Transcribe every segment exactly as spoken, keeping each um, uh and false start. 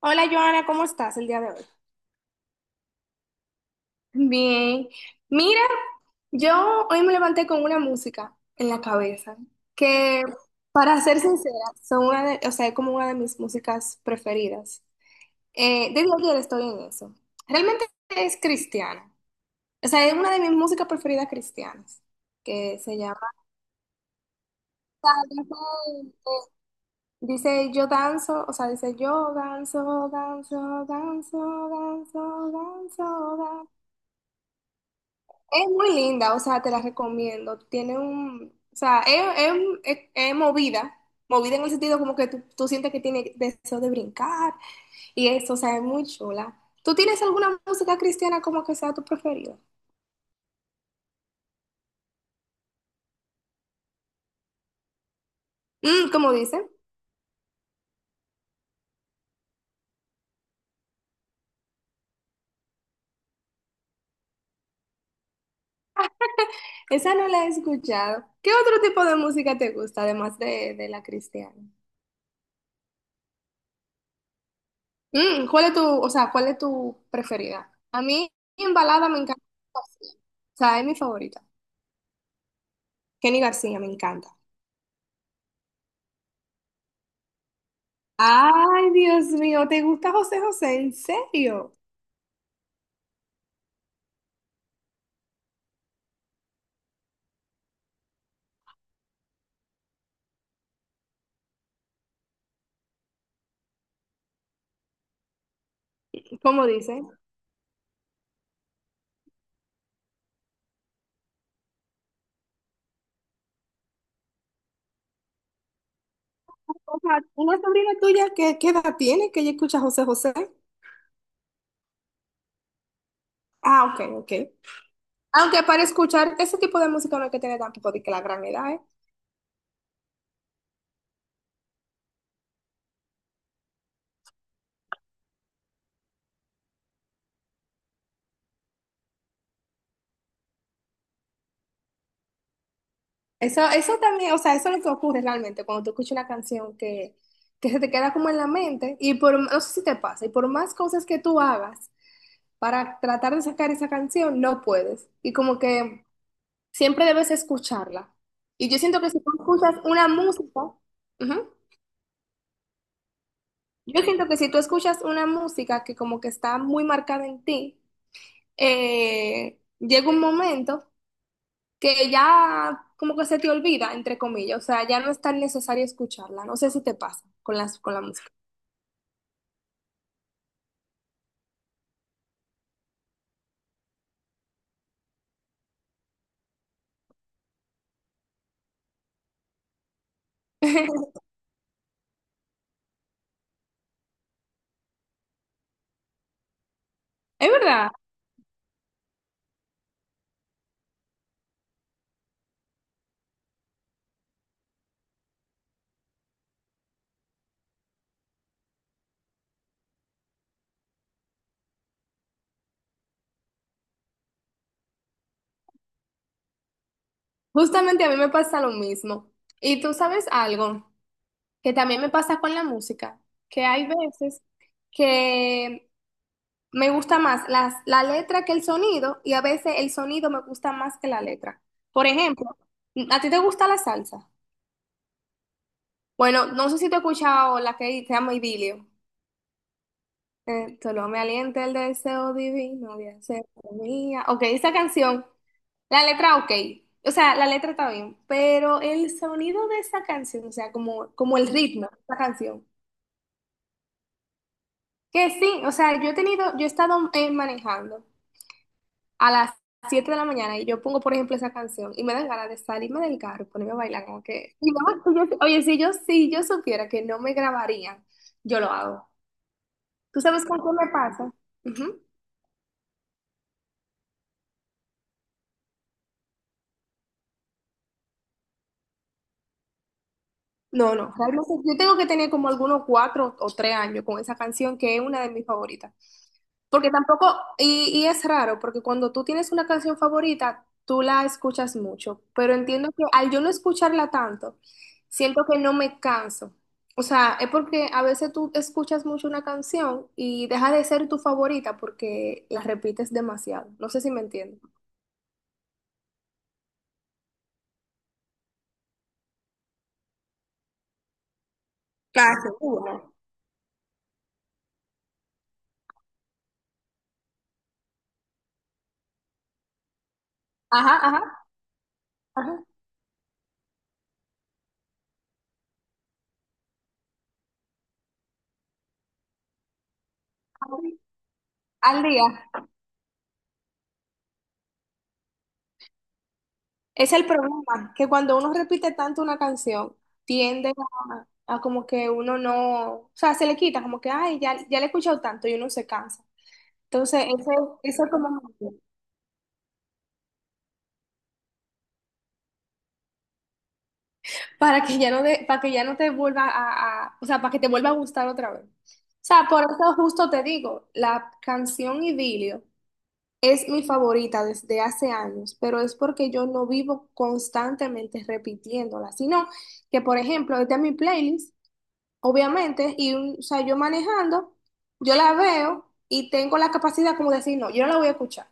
Hola Joana, ¿cómo estás el día de hoy? Bien, mira, yo hoy me levanté con una música en la cabeza que, para ser sincera, son una de, o sea, es como una de mis músicas preferidas. Eh, desde ayer estoy en eso. Realmente es cristiana, o sea, es una de mis músicas preferidas cristianas, que se llama, dice, yo danzo, o sea, dice, yo danzo, danzo, danzo, danzo, danzo, danzo. Es muy linda, o sea, te la recomiendo. Tiene un, o sea, es, es- es- es movida, movida en el sentido como que tú, tú sientes que tiene deseo de brincar y eso, o sea, es muy chula. ¿Tú tienes alguna música cristiana como que sea tu preferida? Mm, como dicen, esa no la he escuchado. ¿Qué otro tipo de música te gusta además de, de la cristiana? Mm, ¿cuál es tu, o sea, cuál es tu preferida? A mí en balada me encanta. Kenny García. O sea, es mi favorita. Kenny García me encanta. Ay, Dios mío, ¿te gusta José José? ¿En serio? ¿Cómo dice? O sea, una sobrina tuya, ¿qué, qué edad tiene que ella escucha José José? Ah, ok, ok. Aunque para escuchar ese tipo de música no hay que tener tampoco de que la gran edad, ¿eh? Eso, eso también, o sea, eso es lo que ocurre realmente cuando tú escuchas una canción que, que se te queda como en la mente y por, no sé si te pasa, y por más cosas que tú hagas para tratar de sacar esa canción, no puedes. Y como que siempre debes escucharla. Y yo siento que si tú escuchas una música, ujú, yo siento que si tú escuchas una música que como que está muy marcada en ti, eh, llega un momento que ya como que se te olvida, entre comillas, o sea, ya no es tan necesario escucharla. No sé si te pasa con las, con la música. Es verdad, justamente a mí me pasa lo mismo. Y tú sabes algo que también me pasa con la música, que hay veces que me gusta más las, la letra que el sonido y a veces el sonido me gusta más que la letra. Por ejemplo, ¿a ti te gusta la salsa? Bueno, no sé si te he escuchado la que se llama Idilio. Eh, solo me alienta el deseo divino de hacer mía. Ok, esa canción, la letra ok. O sea, la letra está bien, pero el sonido de esa canción, o sea, como, como el ritmo de esa canción. Que sí, o sea, yo he tenido, yo he estado eh, manejando a las siete de la mañana y yo pongo, por ejemplo, esa canción y me dan ganas de salirme del carro y ponerme a bailar como que y no, y yo- sí, oye, si yo, si yo supiera que no me grabarían, yo lo hago. ¿Tú sabes con qué me pasa? Ujú. No, no, realmente yo tengo que tener como algunos cuatro o tres años con esa canción que es una de mis favoritas. Porque tampoco, y, y es raro, porque cuando tú tienes una canción favorita, tú la escuchas mucho, pero entiendo que al yo no escucharla tanto, siento que no me canso. O sea, es porque a veces tú escuchas mucho una canción y deja de ser tu favorita porque la repites demasiado. No sé si me entiendes. Casi. Una. Ajá, ajá, ajá. Al día. Es el problema, que cuando uno repite tanto una canción, tiende a, a como que uno no, o sea, se le quita, como que, ay, ya, ya le he escuchado tanto y uno se cansa. Entonces, ese, eso es como para que ya no de- para que ya no te vuelva a, a- o sea, para que te vuelva a gustar otra vez. O sea, por eso justo te digo, la canción Idilio es mi favorita desde hace años, pero es porque yo no vivo constantemente repitiéndola, sino que, por ejemplo, esta es mi playlist, obviamente, y un- o sea, yo manejando, yo la veo y tengo la capacidad como de decir, no, yo no la voy a escuchar.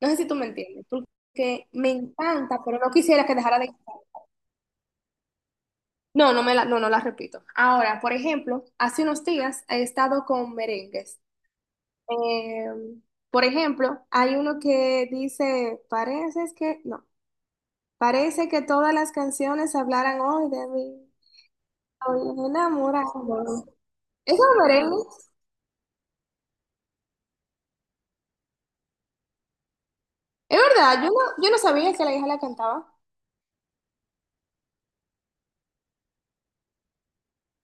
No sé si tú me entiendes, porque me encanta, pero no quisiera que dejara de escuchar. No, no me la, no, no la repito. Ahora, por ejemplo, hace unos días he estado con merengues. Eh, por ejemplo, hay uno que dice, parece es que, no, parece que todas las canciones hablaran hoy de mí. Hoy enamorado. ¿Eso es un merengue? Es verdad, yo no, yo no sabía que la hija la cantaba.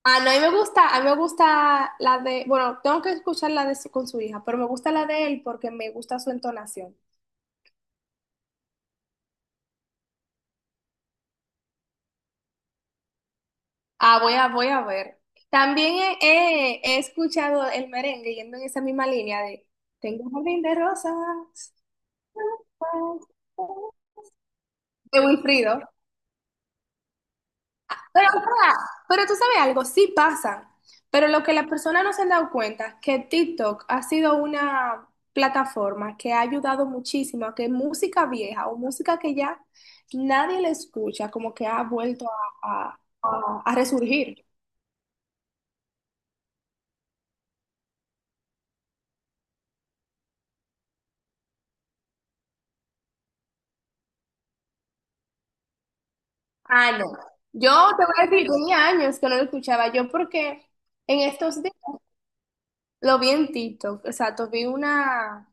Ah, no, a mí me gusta, a mí me gusta la de, bueno, tengo que escuchar la de su- con su hija, pero me gusta la de él porque me gusta su entonación. Ah, voy a, voy a ver. También he, he- he escuchado el merengue yendo en esa misma línea de tengo un jardín de rosas de Wilfrido. Pero, o sea, pero tú sabes algo, sí pasan, pero lo que las personas no se han dado cuenta, que TikTok ha sido una plataforma que ha ayudado muchísimo a que música vieja o música que ya nadie le escucha, como que ha vuelto a, a- a- a resurgir. Ah, no. Yo te voy a decir, tenía años que no lo escuchaba yo porque en estos días lo vi en TikTok, exacto, vi una,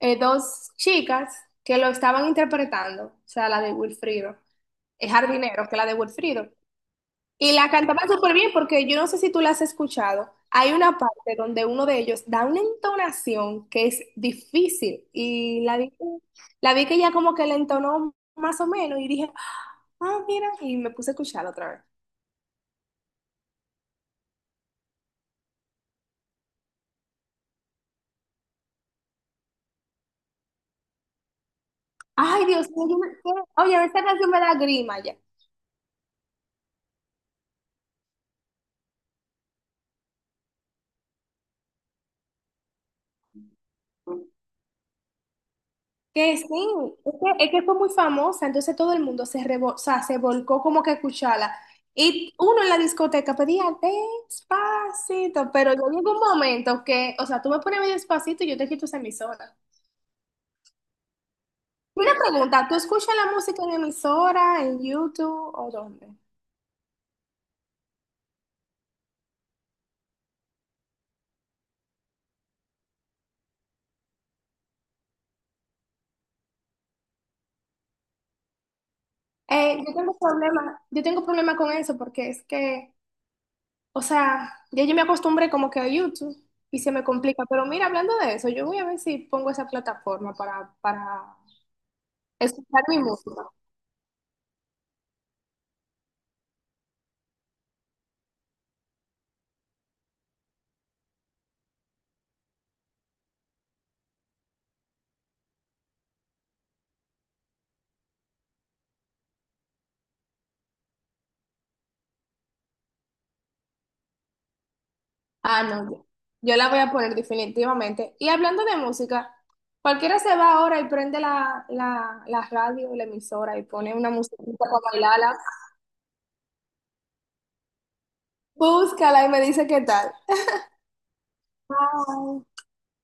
eh, dos chicas que lo estaban interpretando, o sea, la de Wilfrido, es Jardinero, que la de Wilfrido. Y la cantaban súper bien porque yo no sé si tú la has escuchado. Hay una parte donde uno de ellos da una entonación que es difícil y la vi, la vi que ella como que la entonó más o menos y dije, ah, mira, y me puse a escucharla otra vez. Ay, Dios mío, yo me- oye, esta canción me da grima ya. Que sí, es que, es que fue muy famosa, entonces todo el mundo se, revo- o sea, se volcó como que a escucharla. Y uno en la discoteca pedía despacito, pero yo llegó un momento que, o sea, tú me pones medio despacito y yo te quito esa emisora. Una pregunta, ¿tú escuchas la música en emisora, en YouTube o dónde? Eh, yo tengo problema, yo tengo problema con eso porque es que, o sea, ya yo me acostumbré como que a YouTube y se me complica. Pero mira, hablando de eso, yo voy a ver si pongo esa plataforma para, para escuchar mi música. Ah, no, yo, yo la voy a poner definitivamente. Y hablando de música, cualquiera se va ahora y prende la, la, la radio, la emisora y pone una musiquita para bailarla. Búscala y me dice qué tal. Bye.